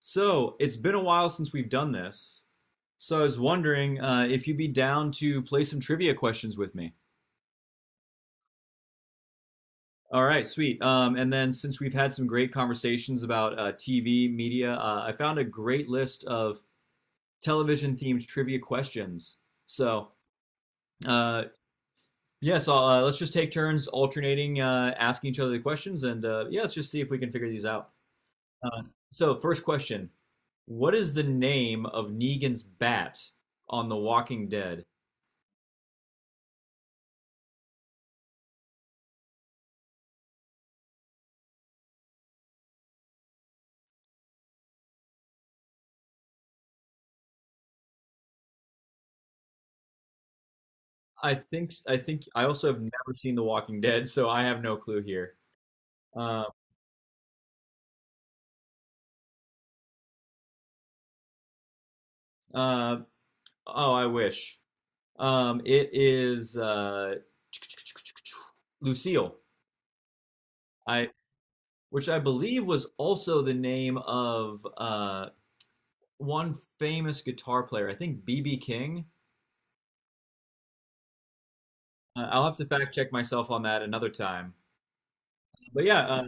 So it's been a while since we've done this. So I was wondering if you'd be down to play some trivia questions with me. All right, sweet. And then since we've had some great conversations about TV media, I found a great list of television themed trivia questions. So uh, yeah, so let's just take turns alternating asking each other the questions, and yeah, let's just see if we can figure these out. Uh, so first question: what is the name of Negan's bat on The Walking Dead? I think I also have never seen The Walking Dead, so I have no clue here. Uh, uh, oh, I wish. It is Lucille. I Which I believe was also the name of one famous guitar player. I think BB King. I'll have to fact check myself on that another time. But yeah,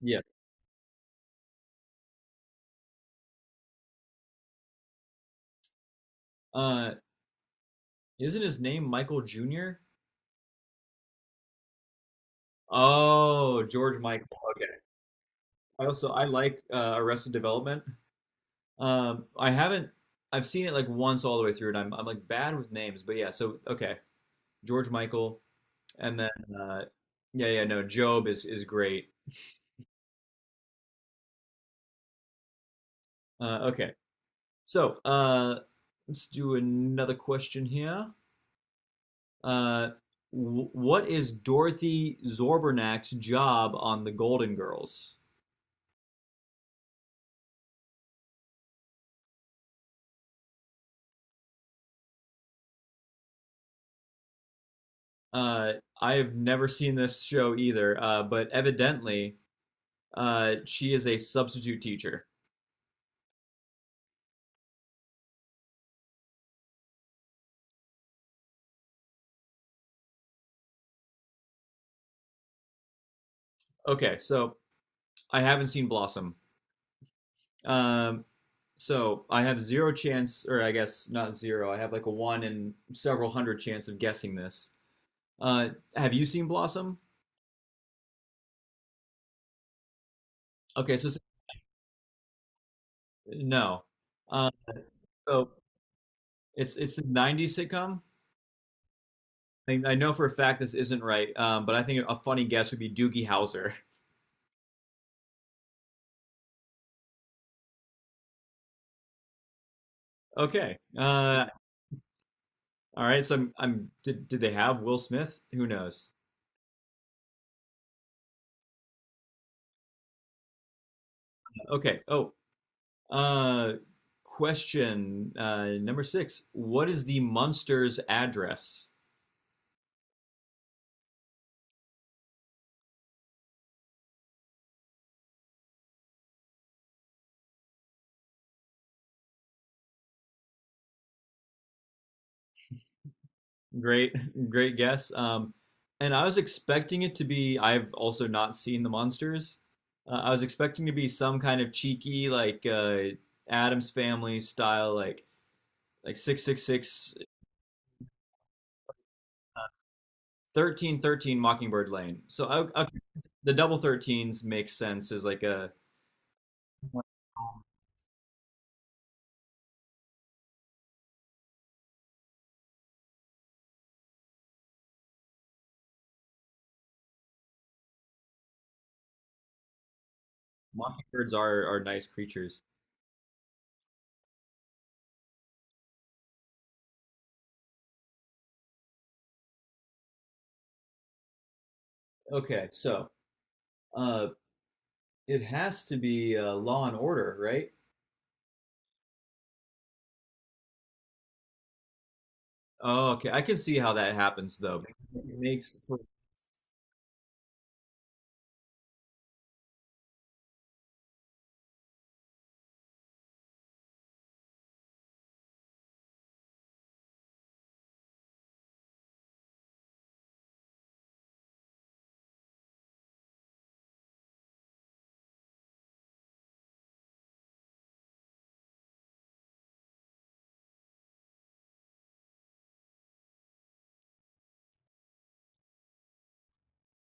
yeah. Uh, isn't his name Michael Jr.? Oh, George Michael. Okay. I like Arrested Development. I haven't. I've seen it like once all the way through, and I'm like bad with names, but yeah. So okay, George Michael, and then uh, yeah, yeah, no, Job is great. Okay, so let's do another question here. Uh, what is Dorothy Zorbernak's job on The Golden Girls? Uh, I have never seen this show either, but evidently, she is a substitute teacher. Okay, so I haven't seen Blossom. Um, so I have zero chance, or I guess not zero. I have like a one in several hundred chance of guessing this. Have you seen Blossom? Okay, so it's, no. Uh, so it's the '90s sitcom. I know for a fact this isn't right, but I think a funny guess would be Doogie Howser. Okay. All right. So I'm did they have Will Smith? Who knows? Okay. Oh. Uh, question number six. What is the Munsters address? Great, great guess. And I was expecting it to be, I've also not seen The Monsters. I was expecting to be some kind of cheeky, like Adam's Family style, like 666, uh, 1313 Mockingbird Lane. The double 13s makes sense as like a mockingbirds are nice creatures. Okay, so uh, it has to be Law and Order, right? Oh, okay. I can see how that happens though. It makes for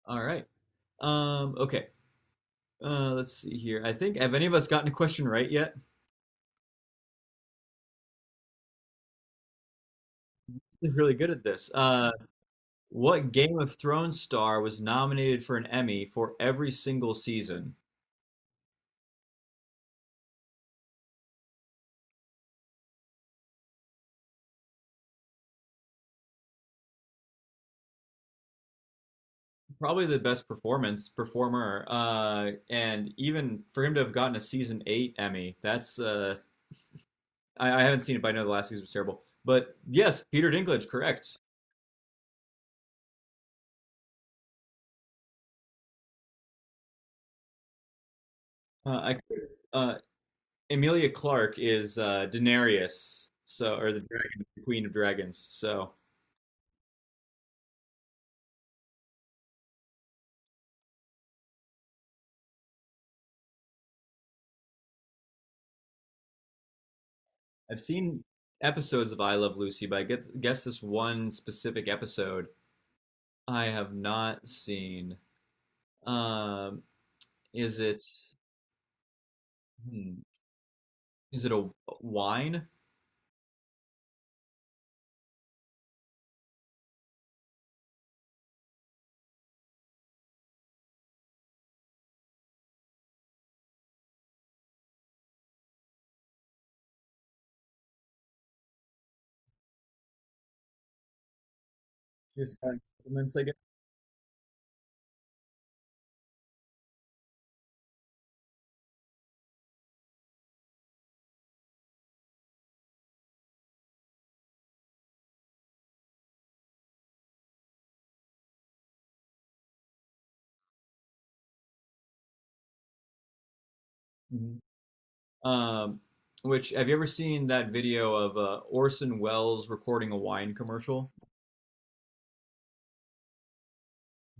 all right. Okay. Let's see here. I think have any of us gotten a question right yet? We're really good at this. What Game of Thrones star was nominated for an Emmy for every single season? Probably the best performance performer. And even for him to have gotten a season eight Emmy, that's I haven't seen it, but I know the last season was terrible. But yes, Peter Dinklage, correct. I uh, Emilia Clarke is Daenerys, so or the dragon, the Queen of Dragons. So. I've seen episodes of I Love Lucy, but guess this one specific episode I have not seen. Um, is it hmm, is it a wine? Just 1 second. Um, which have you ever seen that video of Orson Welles recording a wine commercial?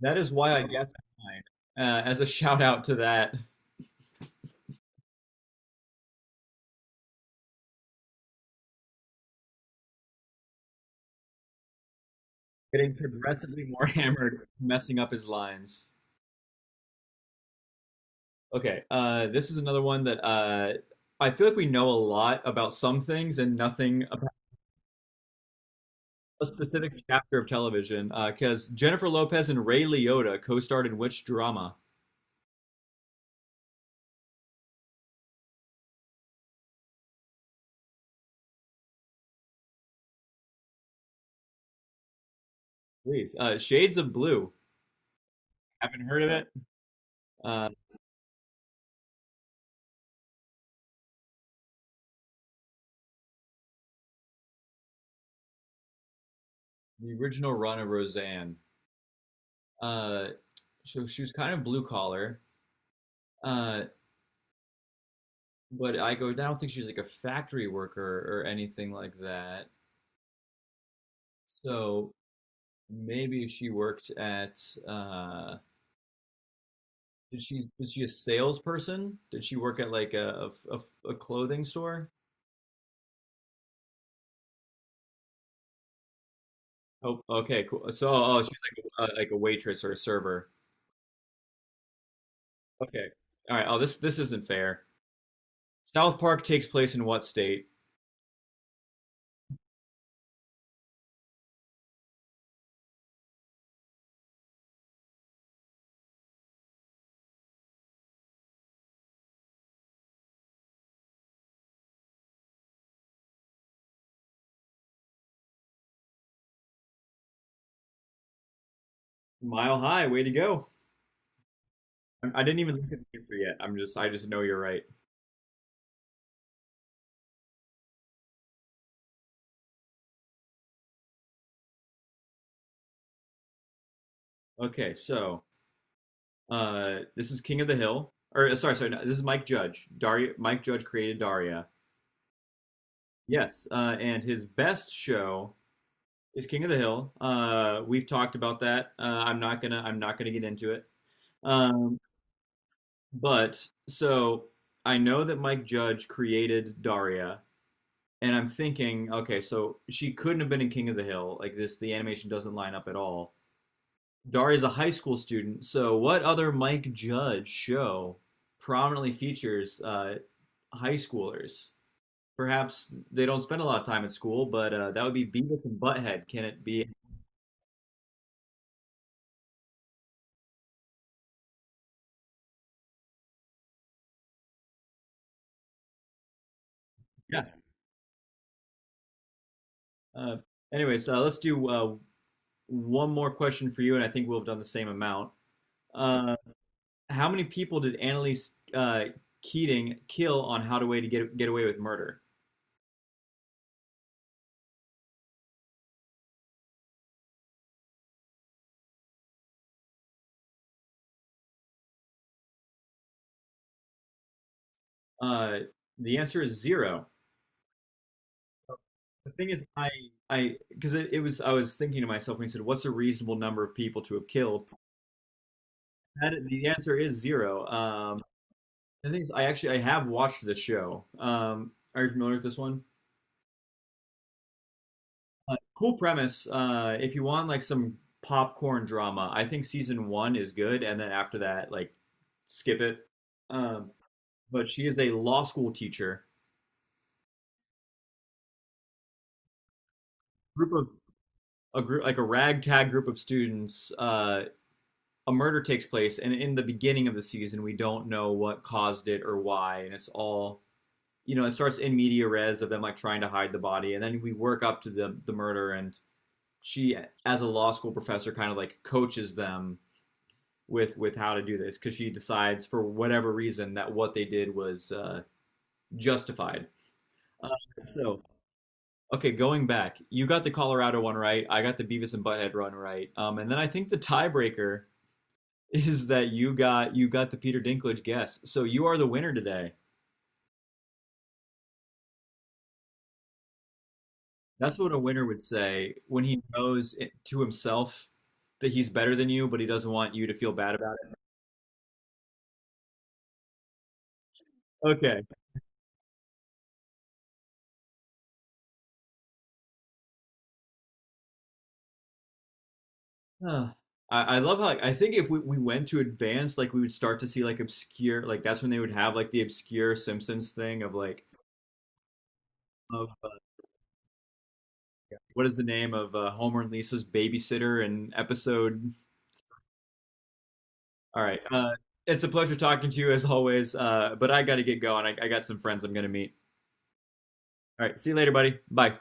That is why I guess wine. As a shout out to that, getting progressively more hammered, messing up his lines. Okay. This is another one that I feel like we know a lot about some things and nothing about a specific chapter of television. Because Jennifer Lopez and Ray Liotta co-starred in which drama? Please. Shades of Blue. Haven't heard of it. Uh, the original run of Roseanne. Uh, so she was kind of blue collar. Uh, I don't think she's like a factory worker or anything like that. So maybe she worked at uh, did she was she a salesperson? Did she work at like a clothing store? Oh, okay, cool. Oh, oh, she's like a waitress or a server. Okay, all right. Oh, this isn't fair. South Park takes place in what state? Mile High. Way to go. I didn't even look at the answer yet. I just know you're right. Okay, so this is King of the Hill. Or sorry, sorry. No, this is Mike Judge. Daria. Mike Judge created Daria. Yes, and his best show is King of the Hill. We've talked about that. I'm not gonna get into it. Um, but so I know that Mike Judge created Daria, and I'm thinking, okay, so she couldn't have been in King of the Hill. The animation doesn't line up at all. Daria's a high school student, so what other Mike Judge show prominently features high schoolers? Perhaps they don't spend a lot of time at school, but that would be Beavis and Butthead. Can it be? Yeah. Uh, Anyways, let's do one more question for you, and I think we'll have done the same amount. Uh, how many people did Annalise Keating kill on How to Way to Get Away with Murder? Uh, the answer is zero. The thing is, I because it was I was thinking to myself when he said, "What's a reasonable number of people to have killed?" That, the answer is zero. The thing is, I actually I have watched the show. Are you familiar with this one? Cool premise. If you want like some popcorn drama, I think season one is good, and then after that, like skip it. Um, but she is a law school teacher. Group of A group like a ragtag group of students. A murder takes place, and in the beginning of the season, we don't know what caused it or why, and it's all you know. It starts in media res of them like trying to hide the body, and then we work up to the murder, and she, as a law school professor, kind of like coaches them with how to do this because she decides for whatever reason that what they did was justified. Uh, so okay, going back, you got the Colorado one right. I got the Beavis and Butthead run right. And then I think the tiebreaker is that you got the Peter Dinklage guess. So you are the winner today. That's what a winner would say when he knows it, to himself that he's better than you, but he doesn't want you to feel bad about it. Okay. Huh. I love how like I think if we went to advanced, like we would start to see like obscure like that's when they would have like the obscure Simpsons thing of like of what is the name of Homer and Lisa's babysitter and episode. All right, it's a pleasure talking to you as always. But I got to get going. I got some friends I'm gonna meet. All right, see you later, buddy. Bye.